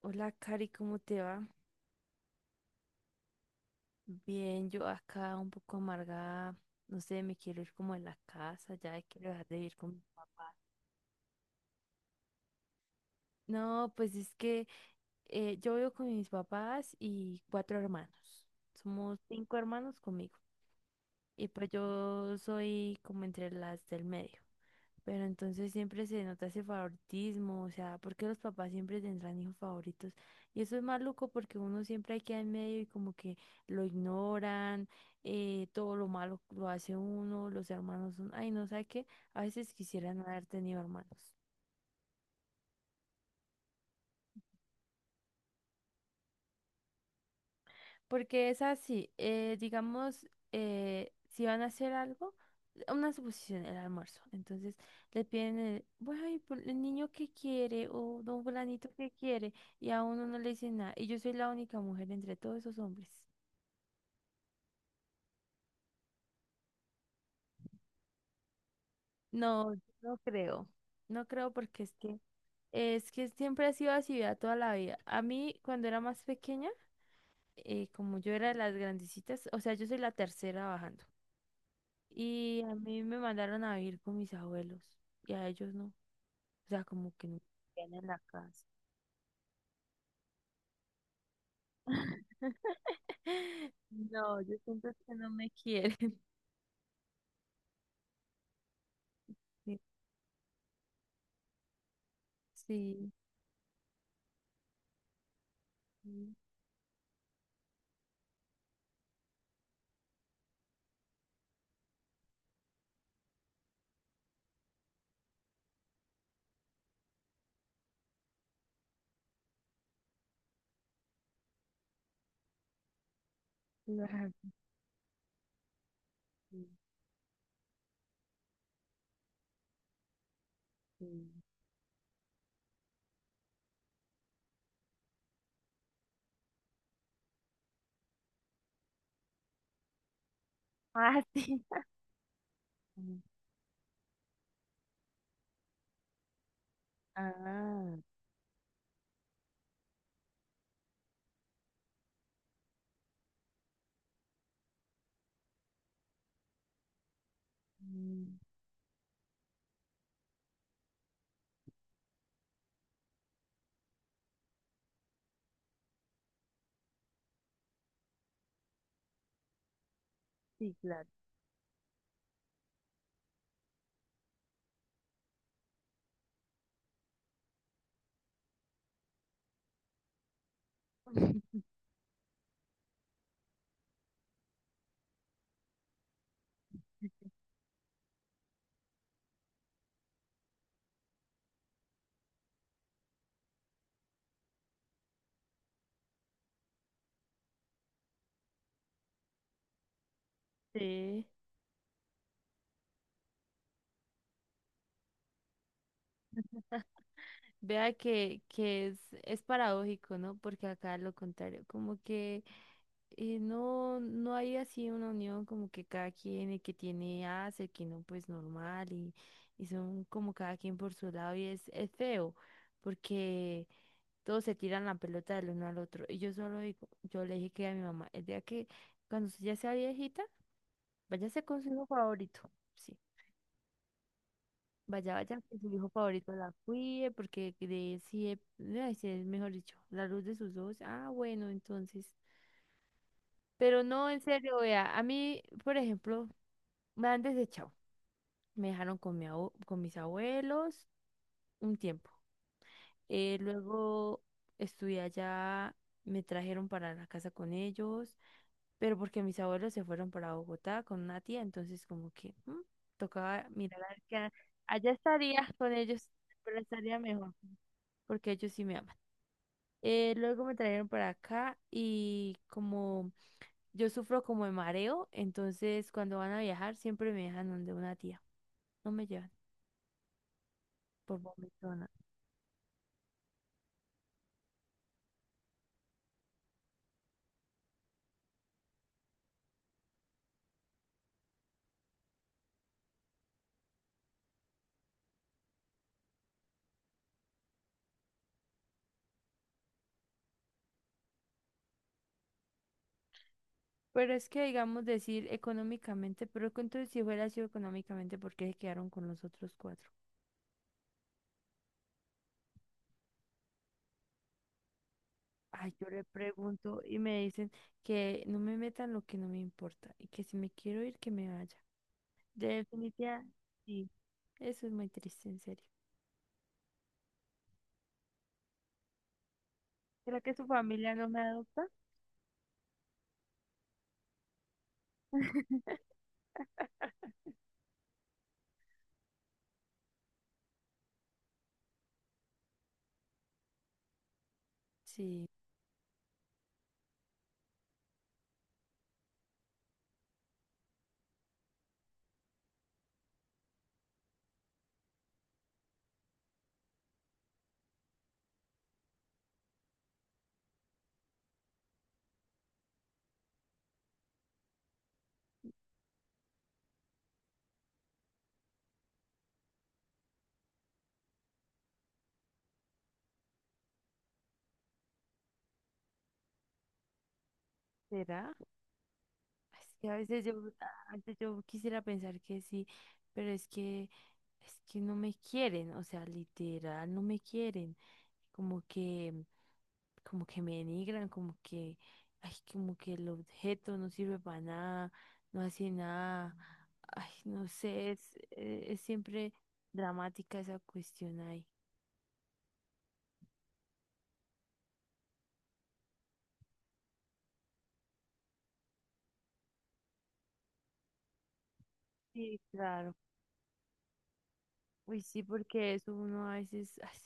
Hola, Cari, ¿cómo te va? Bien, yo acá un poco amargada, no sé, me quiero ir como a la casa, ya quiero dejar de vivir con... No, pues es que yo vivo con mis papás y cuatro hermanos. Somos cinco hermanos conmigo. Y pues yo soy como entre las del medio. Pero entonces siempre se nota ese favoritismo, o sea, porque los papás siempre tendrán hijos favoritos. Y eso es maluco porque uno siempre queda en medio y como que lo ignoran, todo lo malo lo hace uno, los hermanos son, ay, no sé qué, a veces quisiera no haber tenido hermanos. Porque es así, digamos, si van a hacer algo, una suposición, el almuerzo. Entonces le piden, el, bueno, y por el niño que quiere o don fulanito que quiere, y a uno no le dicen nada. Y yo soy la única mujer entre todos esos hombres. No, no creo. No creo porque es que siempre ha sido así, vea, toda la vida. A mí, cuando era más pequeña, como yo era de las grandecitas, o sea, yo soy la tercera bajando. Y a mí me mandaron a vivir con mis abuelos y a ellos no. O sea, como que no quedan en la casa. No, yo siento que no me quieren. Sí, sí, lo admito. Ah, sí. Mm. Ah, mm, sí, claro. Sí. Vea que es paradójico, ¿no? Porque acá lo contrario, como que no hay así una unión como que cada quien, el que tiene hace, el que no, pues normal, y son como cada quien por su lado, es feo, porque todos se tiran la pelota del uno al otro. Y yo solo digo, yo le dije que a mi mamá, el día que cuando usted ya sea viejita, váyase con su hijo favorito, sí. Vaya, vaya, que su hijo favorito la cuide, porque de si es, ay, sí, es mejor dicho, la luz de sus ojos. Ah, bueno, entonces. Pero no, en serio, vea, a mí, por ejemplo, me han desechado. Me dejaron con mis abuelos un tiempo. Luego estudié allá, me trajeron para la casa con ellos, pero porque mis abuelos se fueron para Bogotá con una tía, entonces como que mm, tocaba mirar a ver allá estaría con ellos, pero estaría mejor, porque ellos sí me aman. Luego me trajeron para acá y como yo sufro como de mareo, entonces cuando van a viajar siempre me dejan donde una tía, no me llevan por momento. Pero es que, digamos, decir económicamente, pero que entonces si hubiera sido económicamente, ¿por qué se quedaron con los otros cuatro? Ay, yo le pregunto y me dicen que no me metan lo que no me importa y que si me quiero ir, que me vaya. De definitiva, sí, eso es muy triste, en serio. ¿Será que su familia no me adopta? Sí, ¿será? Es que a veces yo, antes yo quisiera pensar que sí, pero es que no me quieren, o sea, literal, no me quieren. Como que... como que me denigran, como que, ay, como que el objeto no sirve para nada, no hace nada, ay, no sé, es siempre dramática esa cuestión ahí. Sí, claro. Uy, sí, porque eso uno a veces, ay,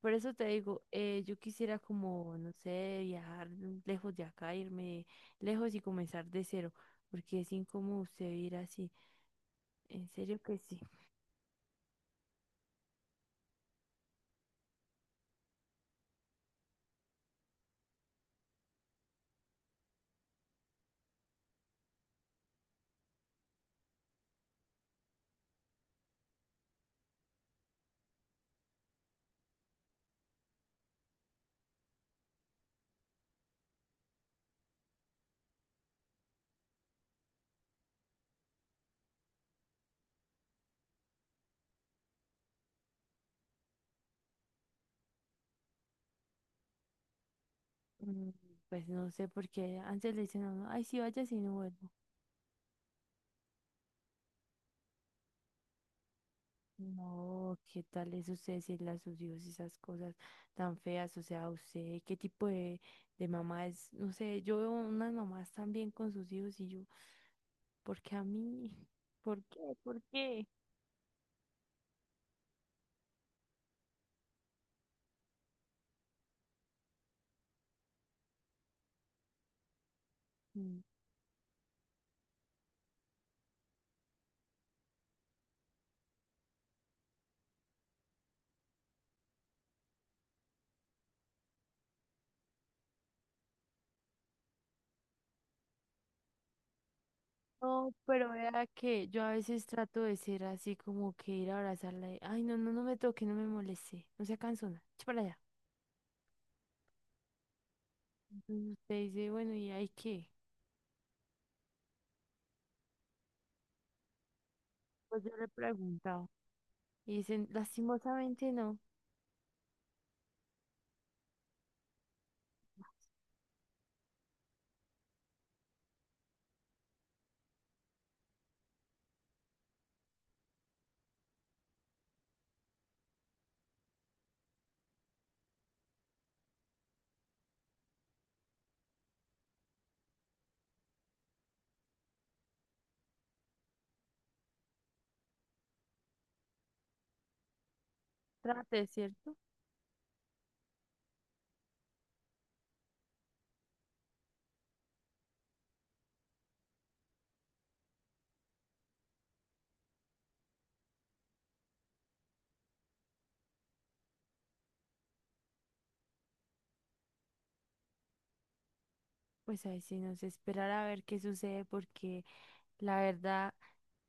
por eso te digo, yo quisiera como, no sé, viajar lejos de acá, irme lejos y comenzar de cero, porque es incómodo usted vivir así, en serio que sí. Mm. Pues no sé por qué antes le dicen a uno, ay, sí, vaya, si no vuelvo. No, ¿qué tal es usted decirle a sus hijos esas cosas tan feas? O sea, usted, ¿qué tipo de mamá es? No sé, yo veo unas mamás también con sus hijos y yo, ¿por qué a mí? ¿Por qué? ¿Por qué? Mm. No, pero vea que yo a veces trato de ser así como que ir a abrazarla y, ay, no, no, no me toque, no me moleste, no sea cansona, echa para allá. Entonces usted dice, bueno, ¿y hay qué? Pues yo le he preguntado. Y dicen, lastimosamente no, trate, ¿cierto? Pues ahí sí nos esperar a ver qué sucede porque la verdad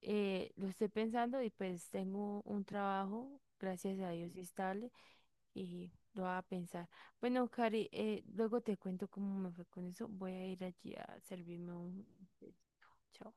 lo estoy pensando y pues tengo un trabajo, gracias a Dios, estable y lo voy a pensar. Bueno, Cari, luego te cuento cómo me fue con eso. Voy a ir allí a servirme un- Chao.